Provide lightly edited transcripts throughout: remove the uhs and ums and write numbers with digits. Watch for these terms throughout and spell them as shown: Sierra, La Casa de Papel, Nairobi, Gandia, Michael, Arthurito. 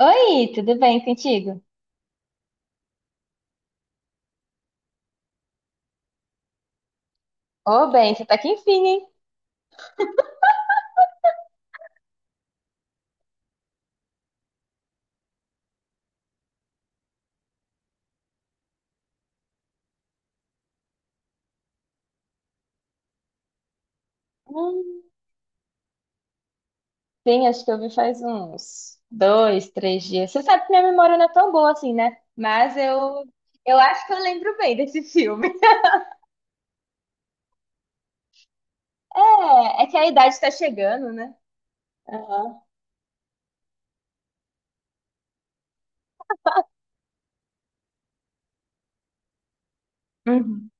Oi, tudo bem contigo? Ô, bem, você tá aqui enfim, hein? Hum, sim, acho que eu vi faz uns dois, três dias. Você sabe que minha memória não é tão boa assim, né? Mas eu acho que eu lembro bem desse filme. É, é que a idade tá chegando, né? Aham. Uhum.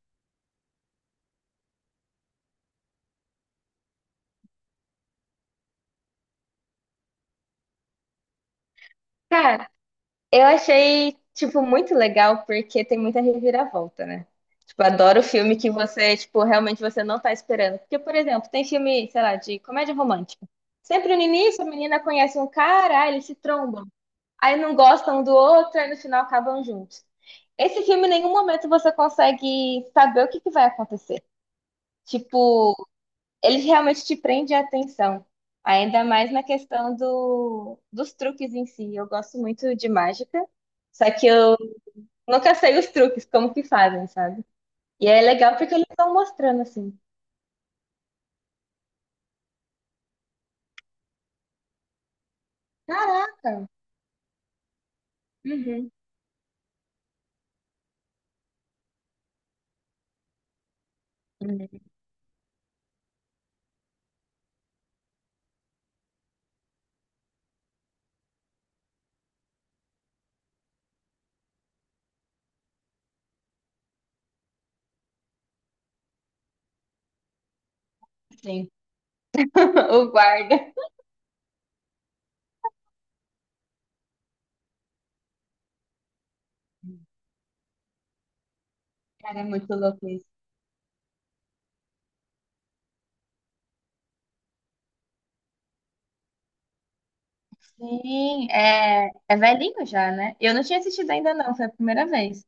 Cara, eu achei, tipo, muito legal porque tem muita reviravolta, né? Tipo, adoro filme que você, tipo, realmente você não tá esperando. Porque, por exemplo, tem filme, sei lá, de comédia romântica. Sempre no início a menina conhece um cara, aí eles se trombam. Aí não gostam um do outro, aí no final acabam juntos. Esse filme, em nenhum momento você consegue saber o que que vai acontecer. Tipo, ele realmente te prende a atenção. Ainda mais na questão do, dos truques em si. Eu gosto muito de mágica. Só que eu nunca sei os truques, como que fazem, sabe? E é legal porque eles estão mostrando assim. Caraca! Uhum. Hum, sim. O guarda. Cara, é muito louco isso. Sim, é, é velhinho já, né? Eu não tinha assistido ainda, não, foi a primeira vez.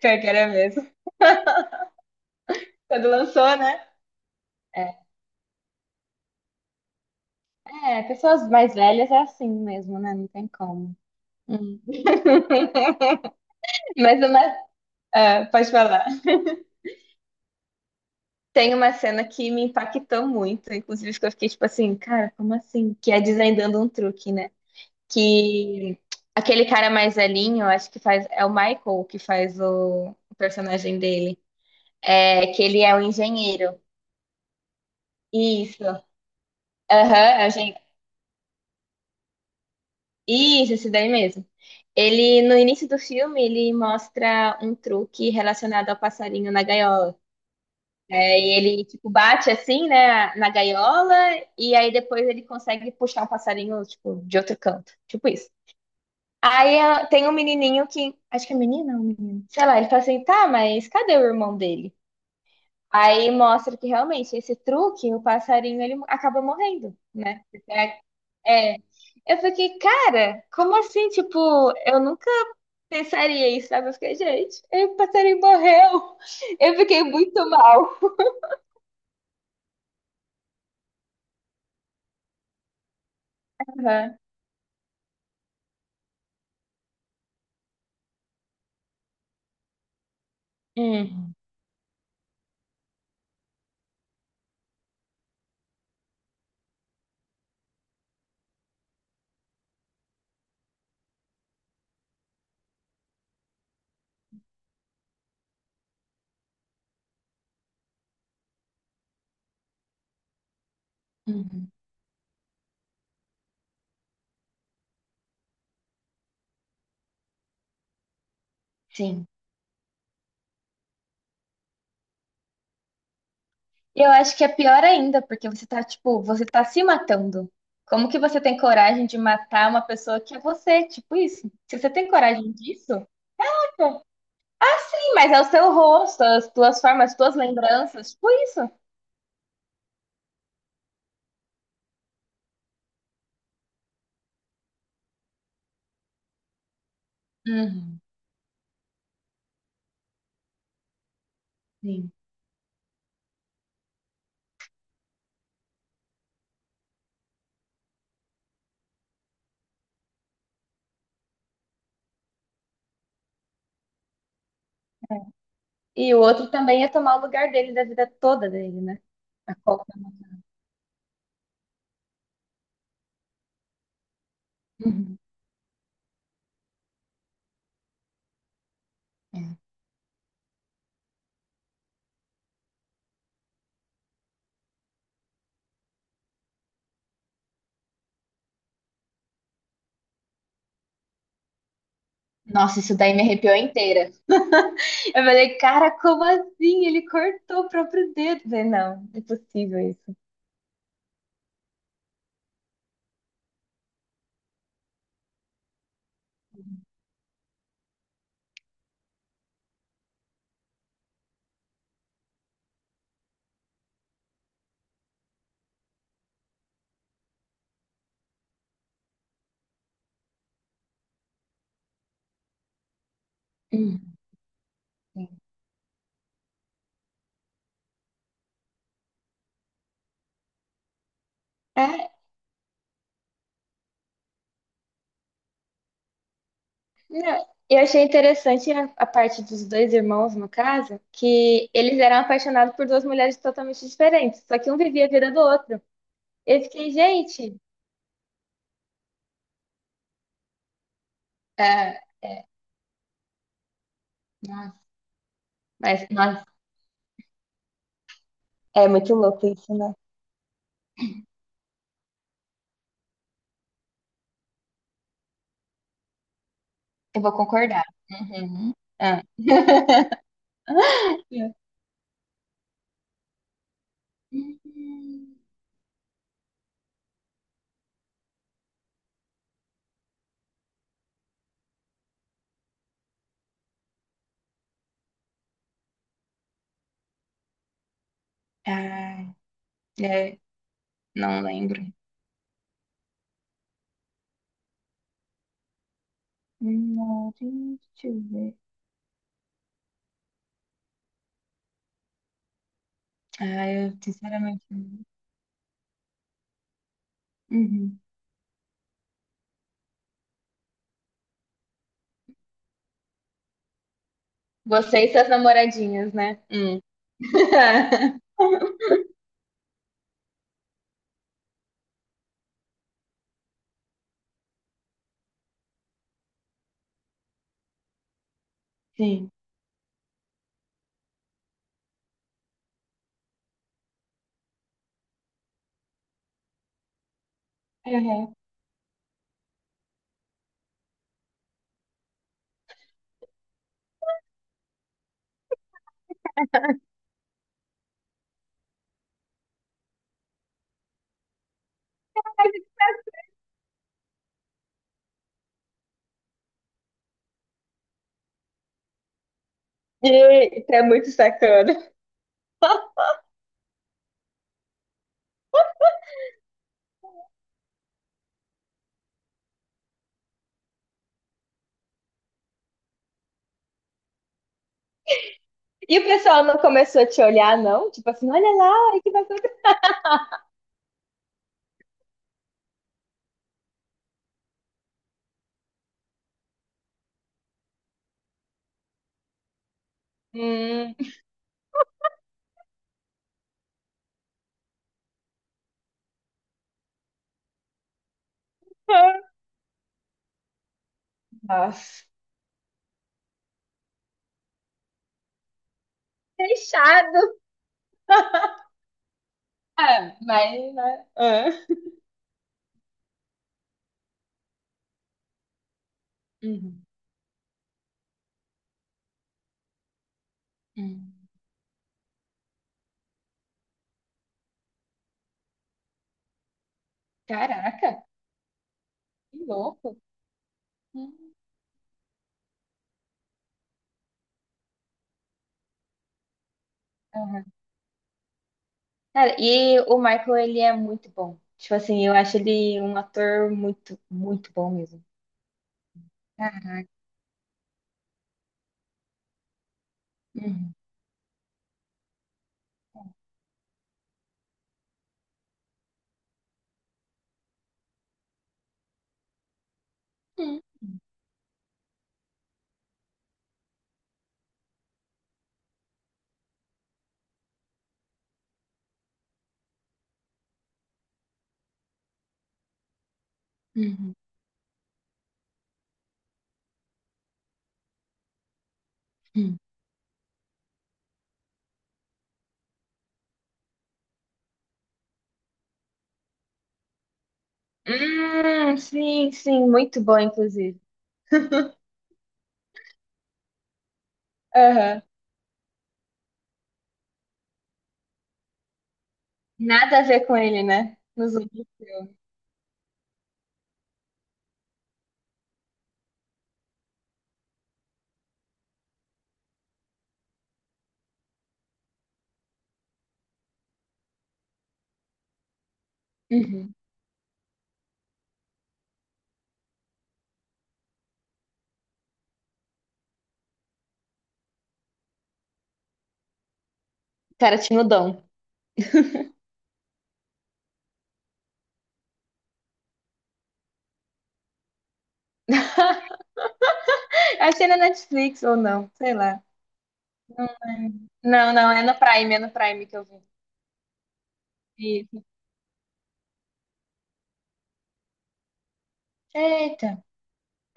Pior que era mesmo. Quando lançou, né? É, é, pessoas mais velhas é assim mesmo, né? Não tem como. Hum. Mas é uma, ah, pode falar. Tem uma cena que me impactou muito, inclusive que eu fiquei tipo assim, cara, como assim? Que é desvendando um truque, né? Que aquele cara mais velhinho, acho que faz, é o Michael que faz o personagem dele, é que ele é o engenheiro. Isso. Aham, é o engen- Isso, esse daí mesmo. Ele, no início do filme, ele mostra um truque relacionado ao passarinho na gaiola. É, e ele, tipo, bate assim, né, na gaiola, e aí depois ele consegue puxar o passarinho, tipo, de outro canto. Tipo isso. Aí ah, tem um menininho que, acho que é menina ou um menino, sei lá, ele fala assim, tá, mas cadê o irmão dele? Aí mostra que realmente esse truque, o passarinho, ele acaba morrendo, né? É, é. Eu fiquei, cara, como assim? Tipo, eu nunca pensaria isso, sabe? Eu fiquei, gente, aí o passarinho morreu. Eu fiquei muito mal. Aham. Uhum. Uhum. Sim. E eu acho que é pior ainda, porque você tá, tipo, você tá se matando. Como que você tem coragem de matar uma pessoa que é você? Tipo isso. Se você tem coragem disso, sim, mas é o seu rosto, as tuas formas, as tuas lembranças, tipo isso. Uhum, sim. E o outro também ia tomar o lugar dele da vida toda dele, né? A Copa. Uhum, é. Nossa, isso daí me arrepiou inteira. Eu falei, cara, como assim? Ele cortou o próprio dedo. Eu falei, não, impossível isso. Uhum, sim. É. Não, eu achei interessante a parte dos dois irmãos, no caso, que eles eram apaixonados por duas mulheres totalmente diferentes, só que um vivia a vida do outro. Eu fiquei, gente, é, é, nossa, mas nossa, é muito louco isso, né? Eu vou concordar. Uhum. Ah. Hum. Ai, é, não lembro. Não, deixa eu ver. Ah, eu sinceramente não lembro. Uhum. Você e seus namoradinhos, né? Hum. Sim. Uhum. E isso é muito sacana. E o pessoal não começou a te olhar, não? Tipo assim, olha lá, olha que bacana. Hum, nossa. Fechado. Ah, mas, né? Ah. Uhum, uhum. Caraca, que louco. Uhum. Aham. Cara, e o Michael, ele é muito bom. Tipo assim, eu acho ele um ator muito, muito bom mesmo. Ah, uhum, uhum, uhum. Sim, sim, muito bom, inclusive. Aham. Nada a ver com ele, né? Nos outros. Uhum. O cara tinha o dom. Achei na Netflix ou não, sei lá. Não, não, é no Prime que eu vi. Isso. Eita.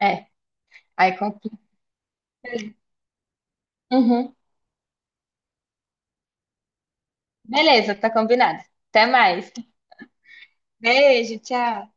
É, aí complica. Uhum. Beleza, tá combinado. Até mais. Beijo, tchau.